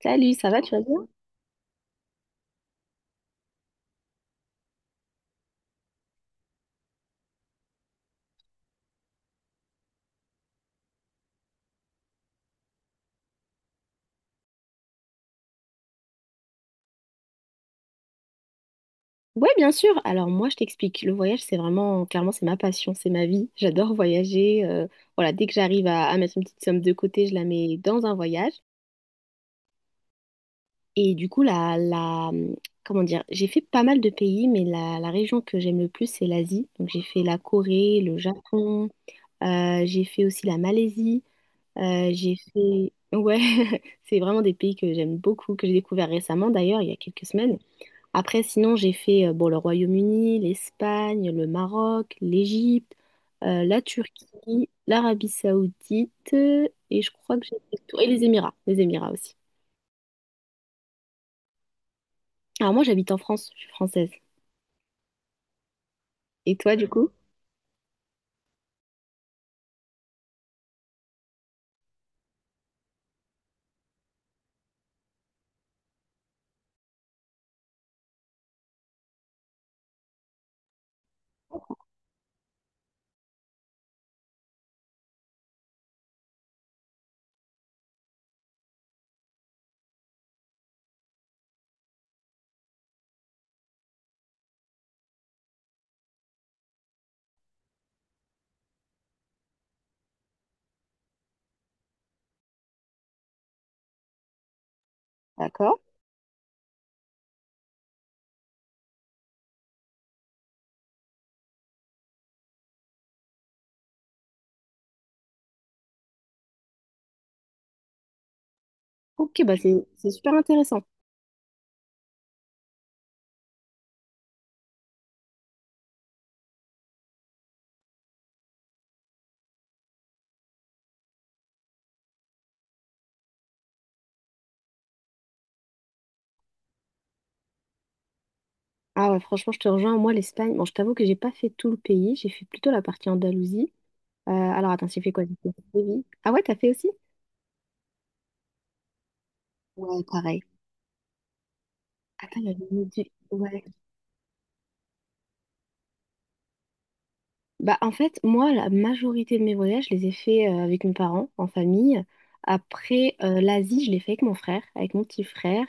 Salut, ça va, tu vas bien? Ouais, bien sûr. Alors moi, je t'explique. Le voyage, c'est vraiment, clairement, c'est ma passion, c'est ma vie. J'adore voyager. Voilà, dès que j'arrive à mettre une petite somme de côté, je la mets dans un voyage. Et du coup, comment dire, j'ai fait pas mal de pays, mais la région que j'aime le plus, c'est l'Asie. Donc j'ai fait la Corée, le Japon, j'ai fait aussi la Malaisie, Ouais, c'est vraiment des pays que j'aime beaucoup, que j'ai découvert récemment d'ailleurs, il y a quelques semaines. Après, sinon, j'ai fait bon, le Royaume-Uni, l'Espagne, le Maroc, l'Égypte, la Turquie, l'Arabie Saoudite et je crois que j'ai fait le tour. Et les Émirats aussi. Alors moi, j'habite en France, je suis française. Et toi, du coup? D'accord. Ok, bah c'est super intéressant. Ah ouais, franchement, je te rejoins. Moi, l'Espagne, bon, je t'avoue que j'ai pas fait tout le pays, j'ai fait plutôt la partie Andalousie. Alors attends, j'ai fait quoi? J'ai fait Séville. Ah ouais, t'as fait aussi? Ouais, pareil. Attends, il y avait une île du- Ouais. Bah, en fait, moi, la majorité de mes voyages, je les ai faits avec mes parents, en famille. Après, l'Asie, je l'ai fait avec mon frère, avec mon petit frère.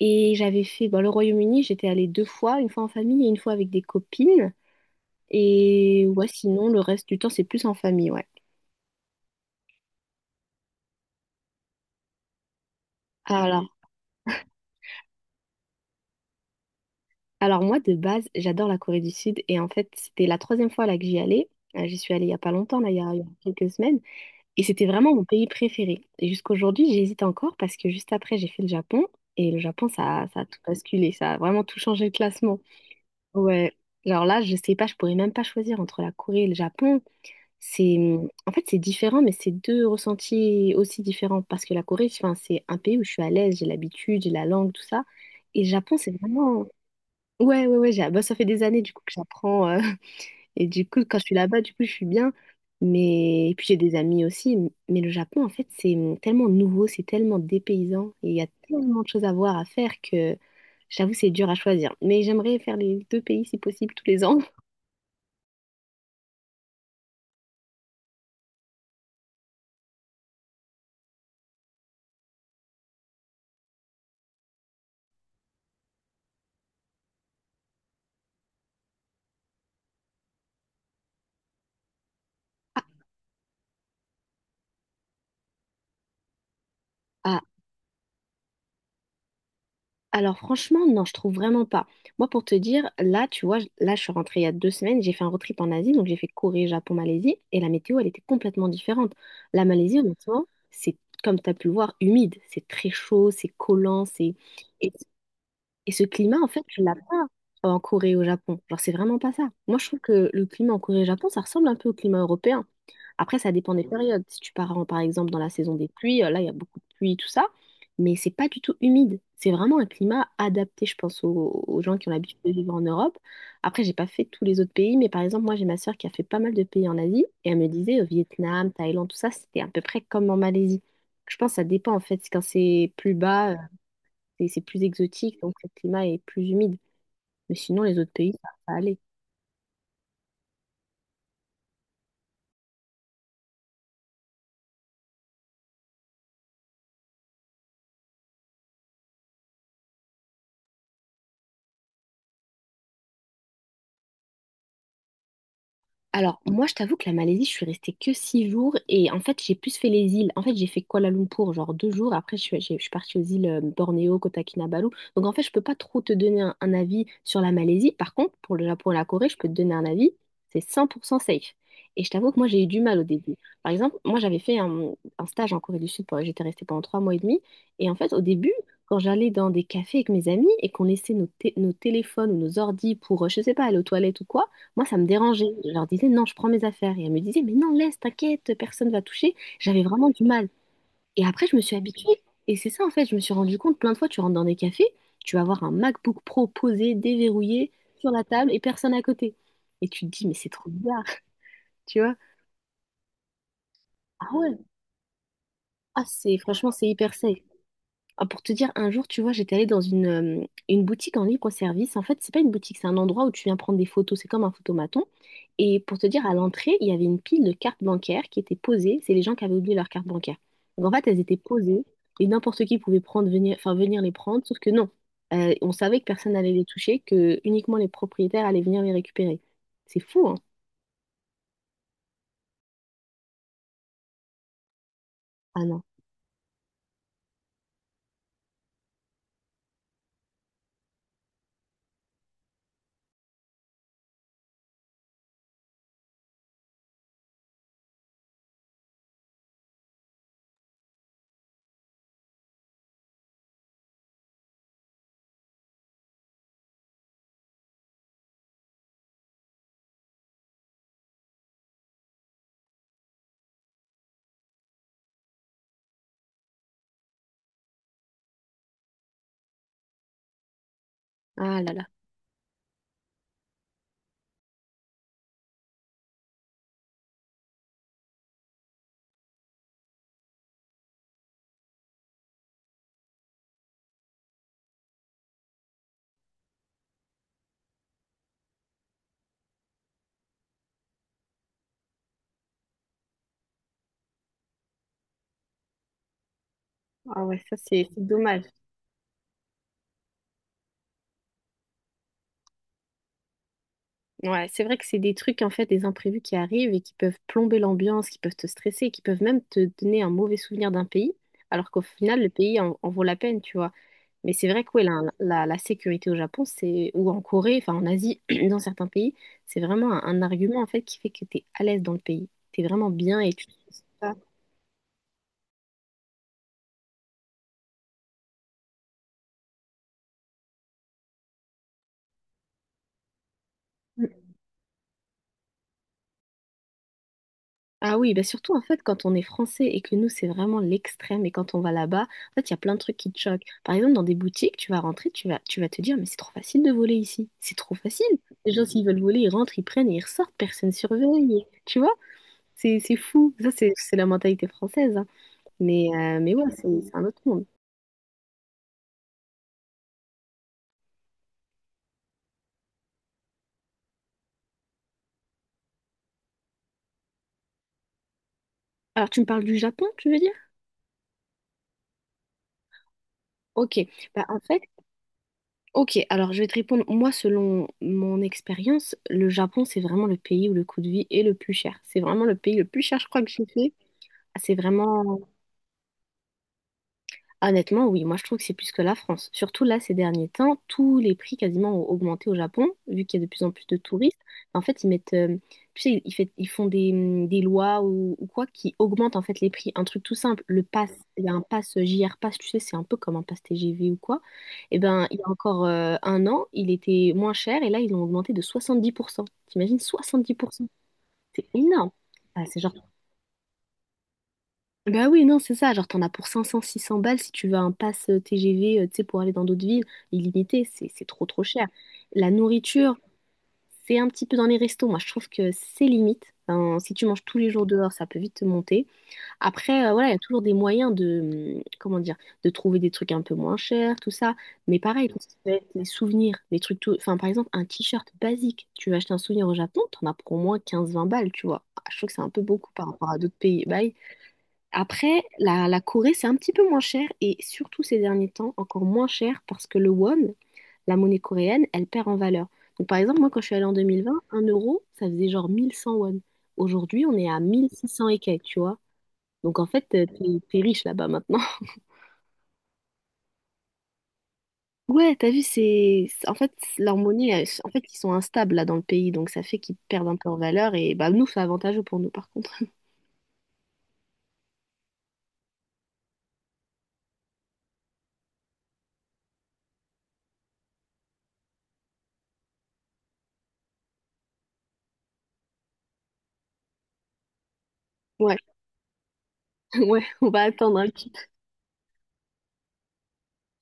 Et j'avais fait bah, le Royaume-Uni, j'étais allée deux fois, une fois en famille et une fois avec des copines. Et ouais, sinon, le reste du temps, c'est plus en famille, ouais. Alors, alors moi, de base, j'adore la Corée du Sud. Et en fait, c'était la troisième fois là que j'y allais. J'y suis allée il y a pas longtemps, là, il y a quelques semaines. Et c'était vraiment mon pays préféré. Et jusqu'aujourd'hui, j'hésite encore parce que juste après, j'ai fait le Japon. Et le Japon, ça a tout basculé. Ça a vraiment tout changé le classement. Ouais. Alors là, je sais pas, je pourrais même pas choisir entre la Corée et le Japon. C'est, En fait, c'est différent, mais c'est deux ressentis aussi différents. Parce que la Corée, enfin, c'est un pays où je suis à l'aise, j'ai l'habitude, j'ai la langue, tout ça. Et le Japon, c'est vraiment... Ouais, ouais, ouais. Bah, ça fait des années, du coup, que j'apprends, et du coup, quand je suis là-bas, du coup, je suis bien. Mais et puis j'ai des amis aussi. Mais le Japon, en fait, c'est tellement nouveau, c'est tellement dépaysant. Et il y a tellement de choses à voir, à faire que j'avoue, c'est dur à choisir. Mais j'aimerais faire les deux pays si possible tous les ans. Ah, ah, alors franchement, non, je trouve vraiment pas. Moi, pour te dire, là, tu vois, là, je suis rentrée il y a deux semaines, j'ai fait un road trip en Asie, donc j'ai fait Corée, Japon, Malaisie, et la météo, elle était complètement différente. La Malaisie, honnêtement, c'est, comme tu as pu le voir, humide, c'est très chaud, c'est collant, c'est... Et Et ce climat, en fait, tu l'as pas en Corée et au Japon. Genre, c'est vraiment pas ça. Moi, je trouve que le climat en Corée et au Japon, ça ressemble un peu au climat européen. Après, ça dépend des périodes. Si tu pars, par exemple, dans la saison des pluies, là, il y a beaucoup de pluie, tout ça. Mais c'est pas du tout humide. C'est vraiment un climat adapté, je pense, aux gens qui ont l'habitude de vivre en Europe. Après, j'ai pas fait tous les autres pays, mais par exemple, moi, j'ai ma sœur qui a fait pas mal de pays en Asie. Et elle me disait, au Vietnam, Thaïlande, tout ça, c'était à peu près comme en Malaisie. Je pense que ça dépend, en fait. Quand c'est plus bas, c'est plus exotique, donc le climat est plus humide. Mais sinon, les autres pays, ça va aller. Alors, moi, je t'avoue que la Malaisie, je suis restée que 6 jours et en fait, j'ai plus fait les îles. En fait, j'ai fait Kuala Lumpur, genre deux jours. Après, je suis partie aux îles Bornéo, Kota Kinabalu. Donc, en fait, je peux pas trop te donner un avis sur la Malaisie. Par contre, pour le Japon et la Corée, je peux te donner un avis. C'est 100% safe. Et je t'avoue que moi, j'ai eu du mal au début. Par exemple, moi, un stage en Corée du Sud. J'étais restée pendant 3 mois et demi. Et en fait, au début, quand j'allais dans des cafés avec mes amis et qu'on laissait nos téléphones ou nos ordis pour, je sais pas, aller aux toilettes ou quoi, moi, ça me dérangeait. Je leur disais, non, je prends mes affaires. Et elles me disaient, mais non, laisse, t'inquiète, personne va toucher. J'avais vraiment du mal. Et après, je me suis habituée. Et c'est ça, en fait, je me suis rendu compte, plein de fois, tu rentres dans des cafés, tu vas voir un MacBook Pro posé, déverrouillé, sur la table et personne à côté. Et tu te dis, mais c'est trop bizarre, tu vois. Ah ouais, ah, c'est, franchement, c'est hyper safe. Ah, pour te dire, un jour, tu vois, j'étais allée dans une boutique en libre-service. En fait, c'est pas une boutique, c'est un endroit où tu viens prendre des photos. C'est comme un photomaton. Et pour te dire, à l'entrée, il y avait une pile de cartes bancaires qui étaient posées. C'est les gens qui avaient oublié leurs cartes bancaires. Donc, en fait, elles étaient posées et n'importe qui pouvait prendre, venir, enfin, venir les prendre. Sauf que non, on savait que personne n'allait les toucher, que uniquement les propriétaires allaient venir les récupérer. C'est fou, hein? Ah non. Ah là là. Ah ouais, ça c'est dommage. Ouais, c'est vrai que c'est des trucs, en fait, des imprévus qui arrivent et qui peuvent plomber l'ambiance, qui peuvent te stresser, qui peuvent même te donner un mauvais souvenir d'un pays, alors qu'au final, le pays en vaut la peine, tu vois. Mais c'est vrai que ouais, la sécurité au Japon, c'est, ou en Corée, enfin en Asie, dans certains pays, c'est vraiment un argument, en fait, qui fait que tu es à l'aise dans le pays. Tu es vraiment bien et tu te stresses pas. Ah oui, bah surtout en fait quand on est français et que nous c'est vraiment l'extrême et quand on va là-bas, en fait il y a plein de trucs qui te choquent. Par exemple dans des boutiques, tu vas rentrer, tu vas te dire mais c'est trop facile de voler ici, c'est trop facile. Les gens s'ils veulent voler, ils rentrent, ils prennent et ils ressortent, personne surveille, tu vois? C'est fou, ça c'est la mentalité française, hein. Mais ouais, c'est un autre monde. Alors tu me parles du Japon, tu veux dire? Ok, bah en fait Ok, alors je vais te répondre. Moi, selon mon expérience, le Japon, c'est vraiment le pays où le coût de vie est le plus cher. C'est vraiment le pays le plus cher, je crois, que j'ai fait. Ah, c'est vraiment. Honnêtement, oui, moi je trouve que c'est plus que la France. Surtout là, ces derniers temps, tous les prix quasiment ont augmenté au Japon, vu qu'il y a de plus en plus de touristes. En fait, tu sais, ils font des lois ou quoi qui augmentent en fait les prix. Un truc tout simple, il y a un pass JR Pass, tu sais, c'est un peu comme un pass TGV ou quoi. Et ben, il y a encore un an, il était moins cher et là, ils l'ont augmenté de 70%. T'imagines, 70%. C'est énorme. Ah, c'est genre, bah Oui, non, c'est ça. Genre, t'en as pour 500, 600 balles si tu veux un pass TGV, tu sais, pour aller dans d'autres villes, illimité. C'est trop, trop cher. La nourriture, c'est un petit peu dans les restos. Moi, je trouve que c'est limite. Enfin, si tu manges tous les jours dehors, ça peut vite te monter. Après, voilà, il y a toujours des moyens de, comment dire, de trouver des trucs un peu moins chers, tout ça. Mais pareil, tout ce qui va être les souvenirs, les trucs tout... Enfin, par exemple, un t-shirt basique. Tu veux acheter un souvenir au Japon, t'en as pour au moins 15-20 balles, tu vois. Ah, je trouve que c'est un peu beaucoup par rapport à d'autres pays. Bah, oui. Après, la Corée, c'est un petit peu moins cher et surtout ces derniers temps, encore moins cher parce que le won, la monnaie coréenne, elle perd en valeur. Donc par exemple, moi quand je suis allée en 2020, un euro, ça faisait genre 1100 won. Aujourd'hui, on est à 1600 et quelques, tu vois. Donc en fait, t'es riche là-bas maintenant. Ouais, t'as vu, c'est... En fait, en fait, ils sont instables là dans le pays, donc ça fait qu'ils perdent un peu en valeur et bah nous, c'est avantageux pour nous par contre. Ouais, ouais, on va attendre un petit.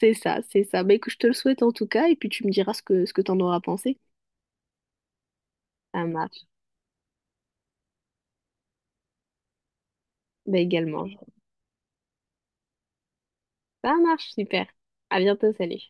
C'est ça, c'est ça. Bah écoute, je te le souhaite en tout cas, et puis tu me diras ce que t'en auras pensé. Ça marche. Bah également. Ça marche, super. À bientôt, salut.